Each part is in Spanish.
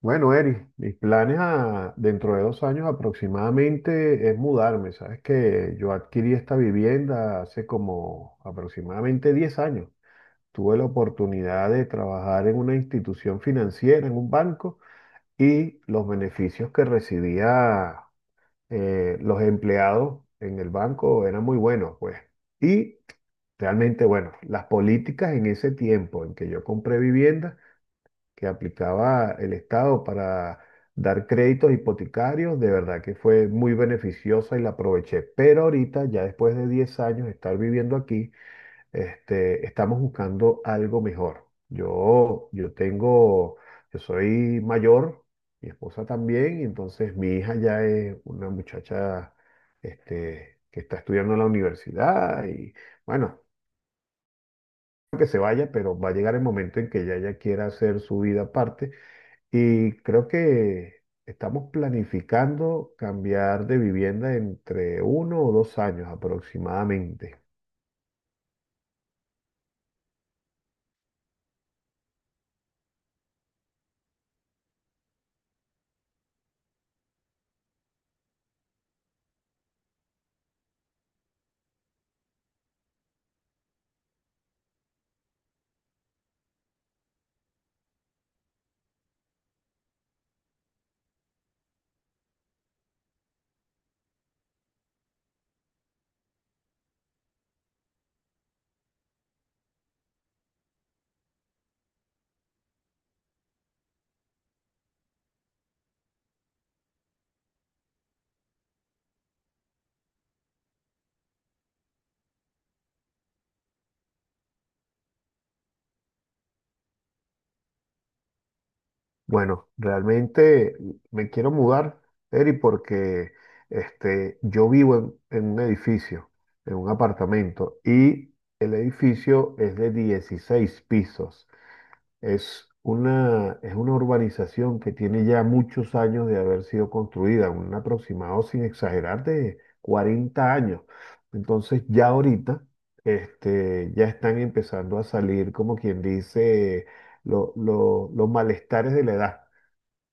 Bueno, Eri, dentro de 2 años aproximadamente es mudarme. Sabes que yo adquirí esta vivienda hace como aproximadamente 10 años. Tuve la oportunidad de trabajar en una institución financiera, en un banco, y los beneficios que recibía los empleados en el banco eran muy buenos, pues. Y realmente, bueno, las políticas en ese tiempo en que yo compré vivienda que aplicaba el Estado para dar créditos hipotecarios, de verdad que fue muy beneficiosa y la aproveché. Pero ahorita, ya después de 10 años de estar viviendo aquí, estamos buscando algo mejor. Yo tengo, yo soy mayor, mi esposa también, y entonces mi hija ya es una muchacha, que está estudiando en la universidad y bueno, que se vaya, pero va a llegar el momento en que ella ya quiera hacer su vida aparte y creo que estamos planificando cambiar de vivienda entre 1 o 2 años aproximadamente. Bueno, realmente me quiero mudar, Eri, porque yo vivo en un edificio, en un apartamento, y el edificio es de 16 pisos. Es una urbanización que tiene ya muchos años de haber sido construida, un aproximado, sin exagerar, de 40 años. Entonces ya ahorita ya están empezando a salir, como quien dice, los malestares de la edad,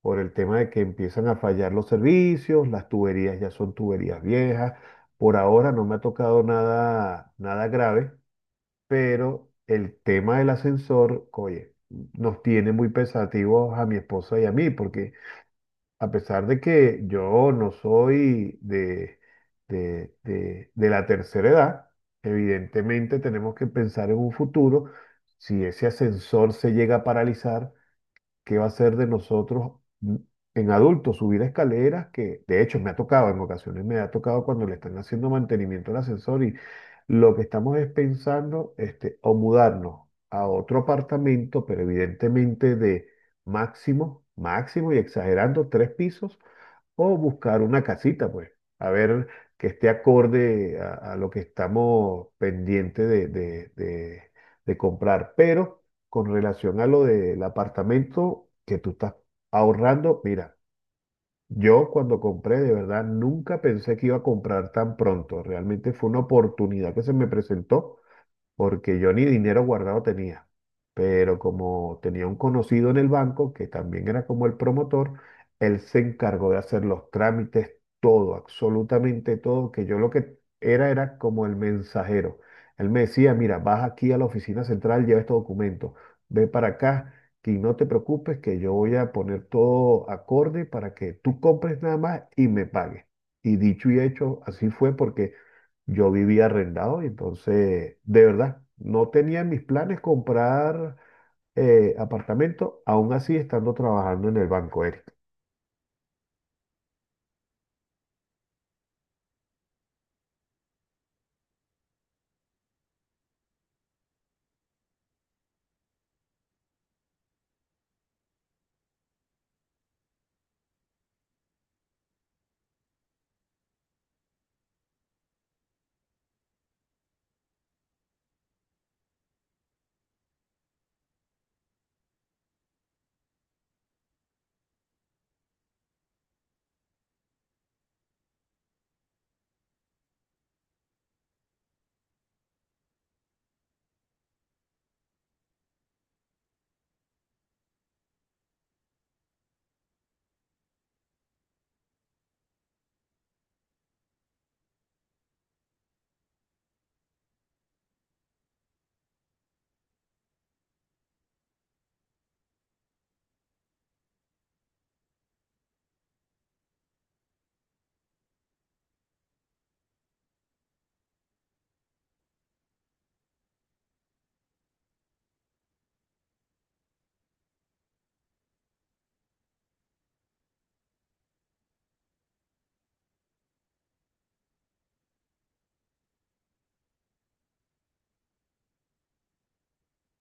por el tema de que empiezan a fallar los servicios, las tuberías ya son tuberías viejas. Por ahora no me ha tocado nada, nada grave pero el tema del ascensor, oye, nos tiene muy pensativos a mi esposa y a mí, porque a pesar de que yo no soy de, de la tercera edad, evidentemente tenemos que pensar en un futuro, si ese ascensor se llega a paralizar. ¿Qué va a ser de nosotros mm, en adultos? Subir escaleras, que de hecho me ha tocado, en ocasiones me ha tocado cuando le están haciendo mantenimiento al ascensor y lo que estamos es pensando, o mudarnos a otro apartamento, pero evidentemente de máximo, máximo y exagerando 3 pisos, o buscar una casita, pues, a ver que esté acorde a lo que estamos pendientes de, de comprar. Pero con relación a lo del apartamento que tú estás ahorrando, mira, yo cuando compré, de verdad, nunca pensé que iba a comprar tan pronto. Realmente fue una oportunidad que se me presentó porque yo ni dinero guardado tenía, pero como tenía un conocido en el banco, que también era como el promotor, él se encargó de hacer los trámites, todo, absolutamente todo, que yo lo que era como el mensajero. Él me decía, mira, vas aquí a la oficina central, lleva este documento, ve para acá, que no te preocupes, que yo voy a poner todo acorde para que tú compres nada más y me pagues. Y dicho y hecho, así fue porque yo vivía arrendado y entonces, de verdad, no tenía en mis planes comprar apartamento, aún así estando trabajando en el banco, Eric.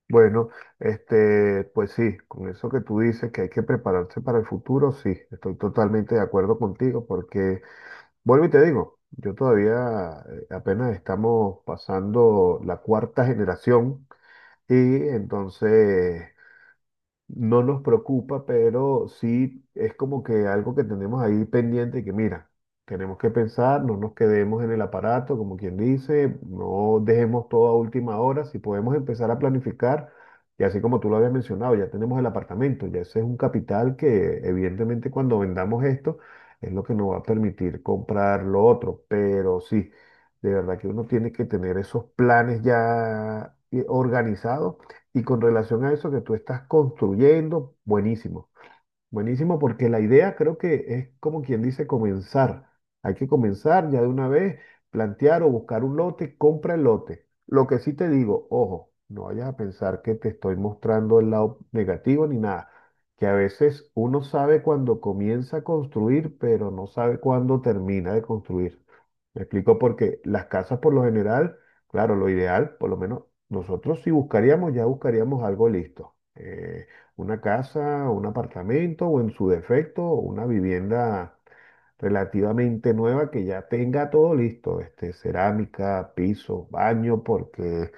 Bueno, pues sí, con eso que tú dices que hay que prepararse para el futuro, sí, estoy totalmente de acuerdo contigo porque, vuelvo y te digo, yo todavía apenas estamos pasando la cuarta generación y entonces no nos preocupa, pero sí es como que algo que tenemos ahí pendiente y que mira, tenemos que pensar, no nos quedemos en el aparato, como quien dice, no dejemos todo a última hora, si podemos empezar a planificar, y así como tú lo habías mencionado, ya tenemos el apartamento, ya ese es un capital que evidentemente cuando vendamos esto es lo que nos va a permitir comprar lo otro, pero sí, de verdad que uno tiene que tener esos planes ya organizados y con relación a eso que tú estás construyendo, buenísimo. Buenísimo, porque la idea creo que es como quien dice comenzar. Hay que comenzar ya de una vez, plantear o buscar un lote, compra el lote. Lo que sí te digo, ojo, no vayas a pensar que te estoy mostrando el lado negativo ni nada, que a veces uno sabe cuándo comienza a construir, pero no sabe cuándo termina de construir. Me explico porque las casas por lo general, claro, lo ideal, por lo menos nosotros si buscaríamos, ya buscaríamos algo listo. Una casa o un apartamento o en su defecto una vivienda relativamente nueva que ya tenga todo listo, cerámica, piso, baño, porque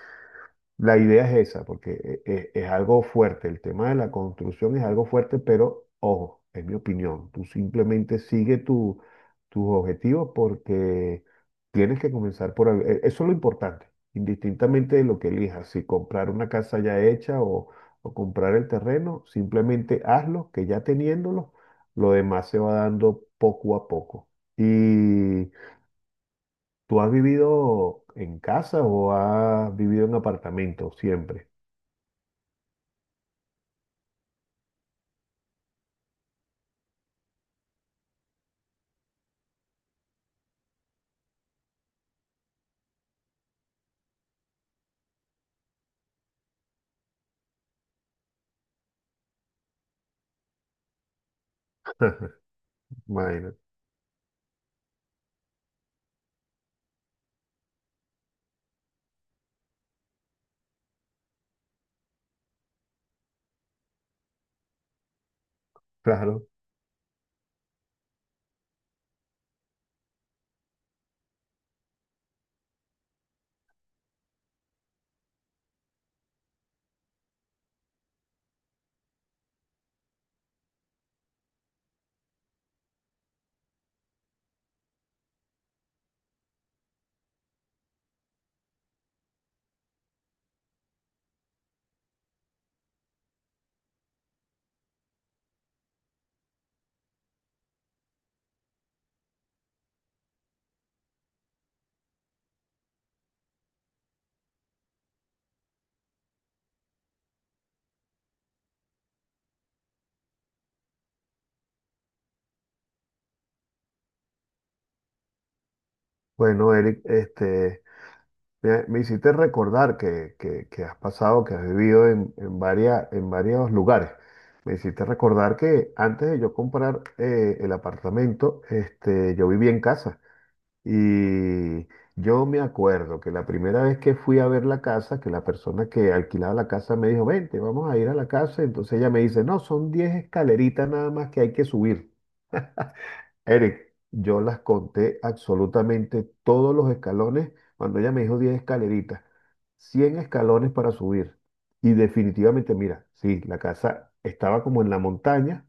la idea es esa, porque es, algo fuerte, el tema de la construcción es algo fuerte, pero ojo, es mi opinión, tú simplemente sigue tu, tus objetivos porque tienes que comenzar por algo, eso es lo importante, indistintamente de lo que elijas, si comprar una casa ya hecha o comprar el terreno, simplemente hazlo, que ya teniéndolo, lo demás se va dando poco a poco. ¿Y tú has vivido en casa o has vivido en apartamento siempre? Bueno, claro. Bueno, Eric, me, me hiciste recordar que, que has pasado, que has vivido en, en varios lugares. Me hiciste recordar que antes de yo comprar el apartamento, yo vivía en casa. Y yo me acuerdo que la primera vez que fui a ver la casa, que la persona que alquilaba la casa me dijo, vente, vamos a ir a la casa. Entonces ella me dice, no, son 10 escaleritas nada más que hay que subir. Eric, yo las conté absolutamente todos los escalones cuando ella me dijo 10 escaleritas, 100 escalones para subir. Y definitivamente, mira, sí, la casa estaba como en la montaña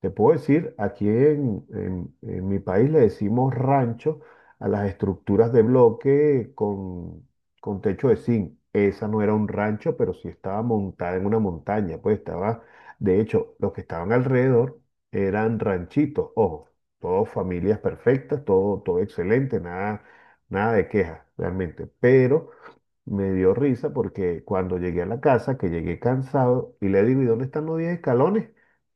te puedo decir, aquí en, en mi país le decimos rancho a las estructuras de bloque con techo de zinc. Esa no era un rancho, pero sí estaba montada en una montaña. Pues estaba, de hecho, los que estaban alrededor eran ranchitos. Ojo, todas familias perfectas, todo, todo excelente, nada, nada de quejas realmente. Pero me dio risa porque cuando llegué a la casa, que llegué cansado, y le digo, ¿y dónde están los 10 escalones?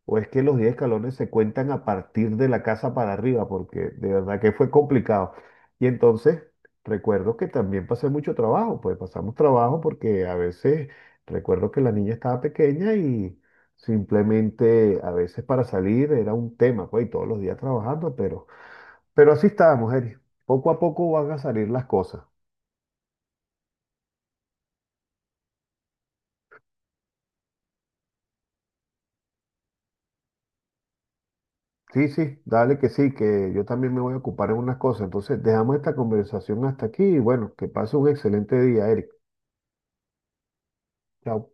O es que los 10 escalones se cuentan a partir de la casa para arriba, porque de verdad que fue complicado. Y entonces recuerdo que también pasé mucho trabajo, pues pasamos trabajo porque a veces recuerdo que la niña estaba pequeña y simplemente a veces para salir era un tema, pues y todos los días trabajando, pero así estábamos, Eri. Poco a poco van a salir las cosas. Sí, sí, dale que sí, que yo también me voy a ocupar en unas cosas. Entonces, dejamos esta conversación hasta aquí y bueno, que pase un excelente día, Eric. Chao.